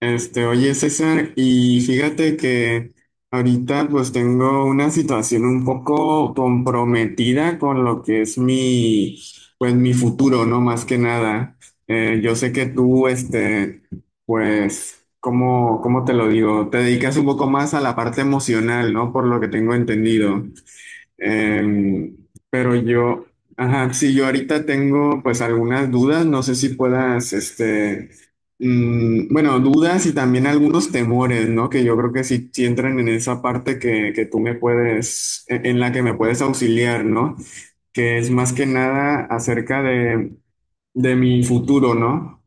Oye César, y fíjate que ahorita pues tengo una situación un poco comprometida con lo que es mi, pues mi futuro, ¿no? Más que nada. Yo sé que tú, pues, ¿cómo, cómo te lo digo? Te dedicas un poco más a la parte emocional, ¿no? Por lo que tengo entendido. Em, pero yo, ajá, sí, yo ahorita tengo pues algunas dudas, no sé si puedas, bueno, dudas y también algunos temores, ¿no? Que yo creo que sí, sí entran en esa parte que tú me puedes, en la que me puedes auxiliar, ¿no? Que es más que nada acerca de mi futuro, ¿no?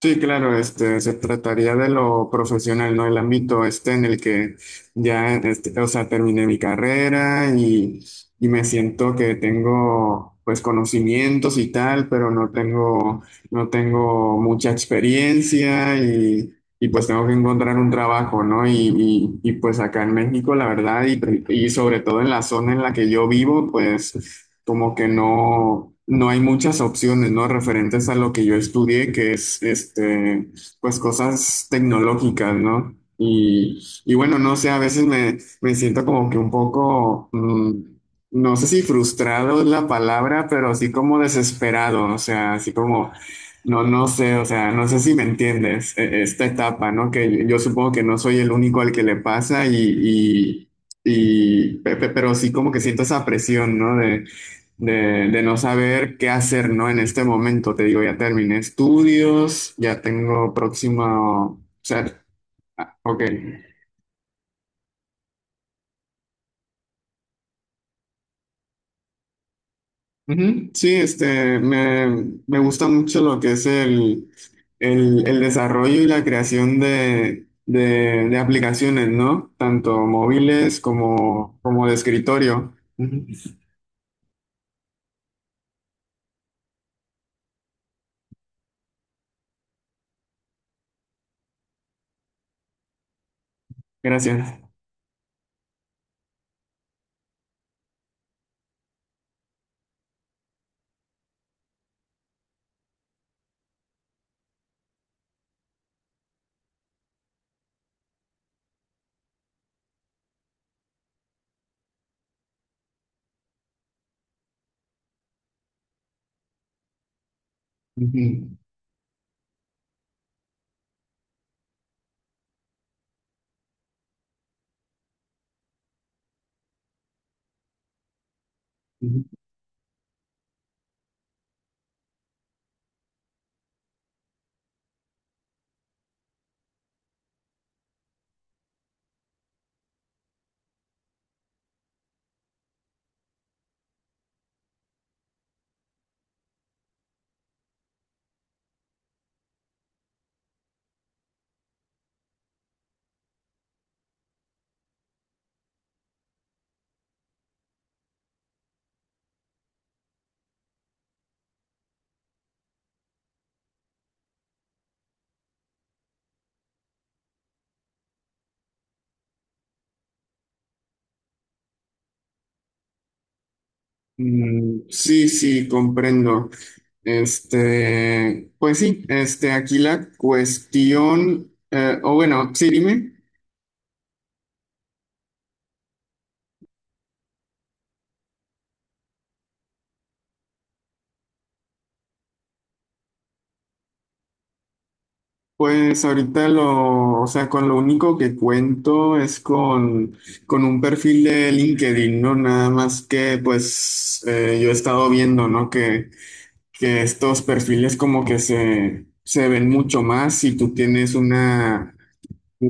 Sí, claro, se trataría de lo profesional, ¿no? El ámbito este en el que ya, o sea, terminé mi carrera y me siento que tengo, pues, conocimientos y tal, pero no tengo, no tengo mucha experiencia y pues tengo que encontrar un trabajo, ¿no? Pues acá en México, la verdad, y sobre todo en la zona en la que yo vivo, pues como que no, no hay muchas opciones, ¿no? Referentes a lo que yo estudié, que es, pues cosas tecnológicas, ¿no? Y bueno, no sé, a veces me, me siento como que un poco, no sé si frustrado es la palabra, pero así como desesperado, o sea, así como, no, no sé, o sea, no sé si me entiendes, esta etapa, ¿no? Que yo supongo que no soy el único al que le pasa y pero sí como que siento esa presión, ¿no? de, de no saber qué hacer, ¿no? En este momento, te digo, ya terminé estudios, ya tengo próximo, o sea, ah, ok. Ujú. Sí, me, me gusta mucho lo que es el, el desarrollo y la creación de aplicaciones, ¿no? Tanto móviles como, como de escritorio. Ujú. Gracias. Ujú, ujú. Mm, sí, sí, comprendo. Pues sí, aquí la cuestión, o bueno, sí, dime, pues ahorita lo, o sea, con lo único que cuento es con un perfil de LinkedIn, ¿no? Nada más que, pues, yo he estado viendo, ¿no? Que estos perfiles como que se ven mucho más si tú tienes una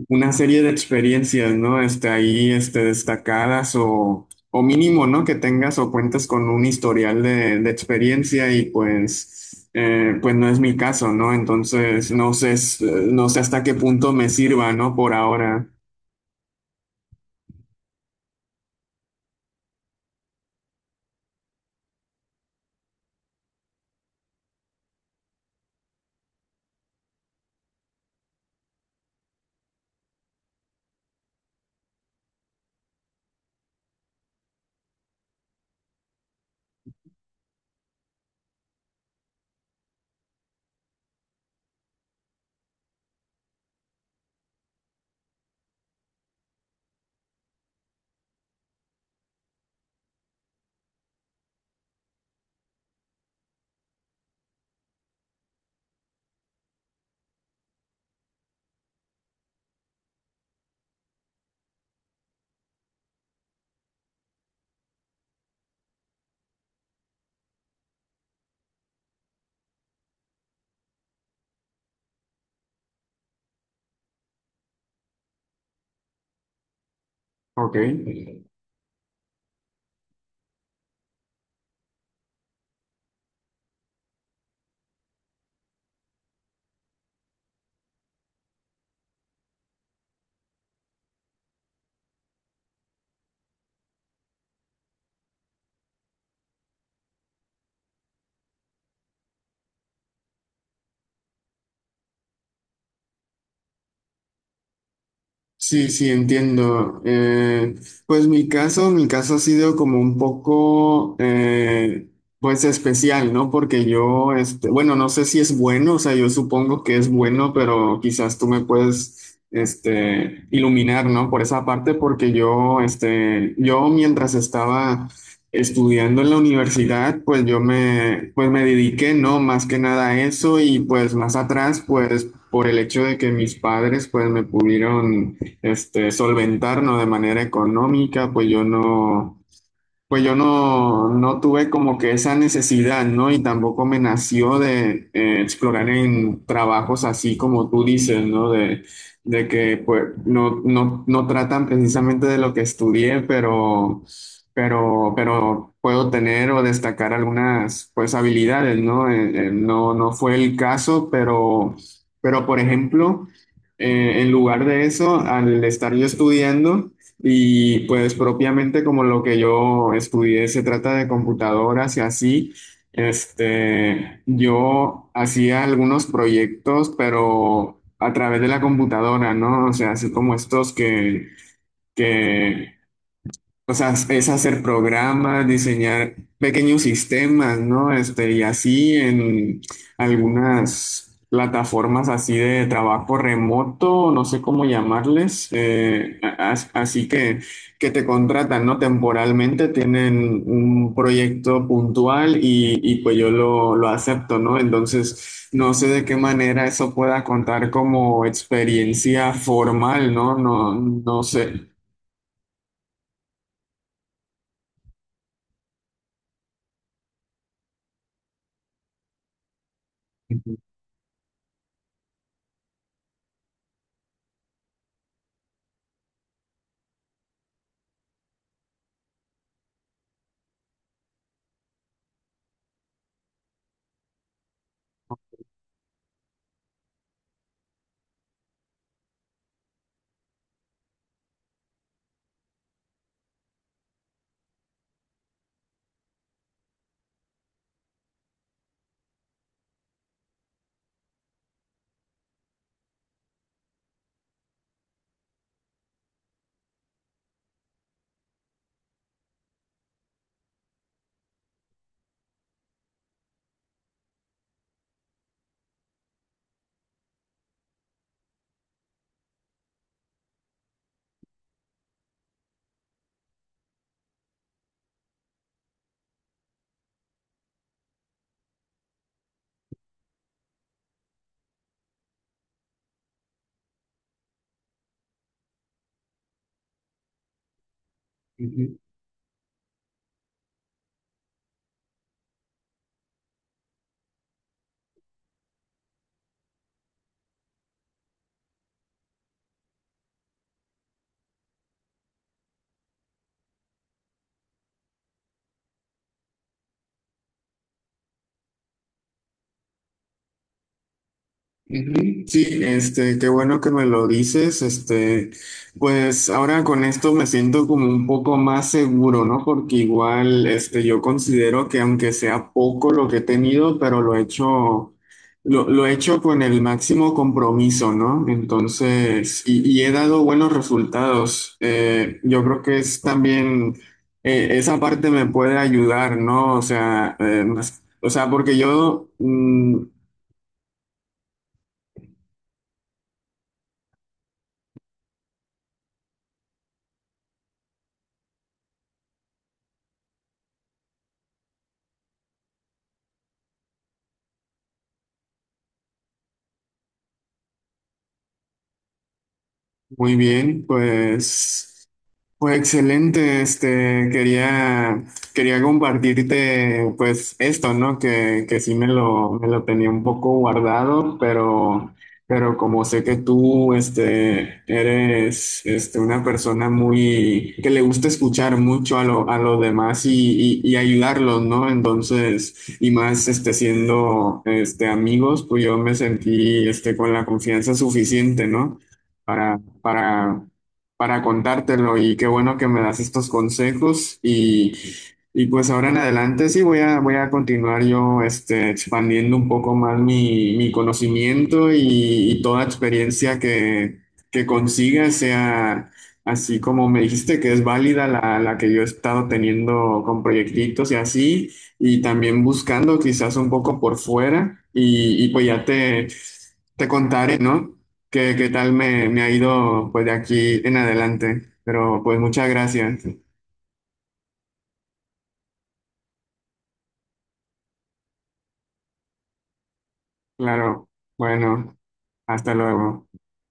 Una serie de experiencias, ¿no? Ahí, destacadas o mínimo, ¿no? Que tengas o cuentes con un historial de experiencia y pues, pues no es mi caso, ¿no? Entonces, no sé, no sé hasta qué punto me sirva, ¿no? Por ahora. Ok. Sí, sí, entiendo. Pues mi caso ha sido como un poco, pues especial, ¿no? Porque yo, bueno, no sé si es bueno, o sea, yo supongo que es bueno, pero quizás tú me puedes, iluminar, ¿no? Por esa parte, porque yo, yo mientras estaba estudiando en la universidad, pues yo me, pues me dediqué, ¿no? Más que nada a eso y pues más atrás, pues por el hecho de que mis padres, pues me pudieron solventarnos de manera económica, pues yo no, no tuve como que esa necesidad, ¿no? Y tampoco me nació de explorar en trabajos así como tú dices, ¿no? De que pues no, no, no tratan precisamente de lo que estudié, pero puedo tener o destacar algunas pues habilidades, ¿no? No, no fue el caso, pero por ejemplo, en lugar de eso, al estar yo estudiando, y pues propiamente como lo que yo estudié se trata de computadoras y así, yo hacía algunos proyectos, pero a través de la computadora, ¿no? O sea, así como estos que o sea, es hacer programas, diseñar pequeños sistemas, ¿no? Y así en algunas plataformas así de trabajo remoto, no sé cómo llamarles, así que te contratan, ¿no? Temporalmente tienen un proyecto puntual y pues yo lo acepto, ¿no? Entonces, no sé de qué manera eso pueda contar como experiencia formal, ¿no? No, no sé. Ujú. Sí, qué bueno que me lo dices, pues ahora con esto me siento como un poco más seguro, ¿no? Porque igual, yo considero que aunque sea poco lo que he tenido, pero lo he hecho con el máximo compromiso, ¿no? Entonces, y he dado buenos resultados. Yo creo que es también, esa parte me puede ayudar, ¿no? O sea, o sea, porque yo... mm, muy bien, pues. Pues excelente, quería, quería compartirte pues esto, ¿no? Que sí me lo tenía un poco guardado, pero como sé que tú, eres, una persona muy, que le gusta escuchar mucho a lo, a los demás y ayudarlos, ¿no? Entonces, y más, siendo, amigos, pues yo me sentí, con la confianza suficiente, ¿no? para, para para contártelo y qué bueno que me das estos consejos y pues ahora en adelante sí voy a, voy a continuar yo expandiendo un poco más mi, mi conocimiento y toda experiencia que consiga sea así como me dijiste que es válida la, la que yo he estado teniendo con proyectitos y así y también buscando quizás un poco por fuera y pues ya te contaré, ¿no? Qué, qué tal me, me ha ido pues de aquí en adelante. Pero pues muchas gracias. Claro. Bueno, hasta luego.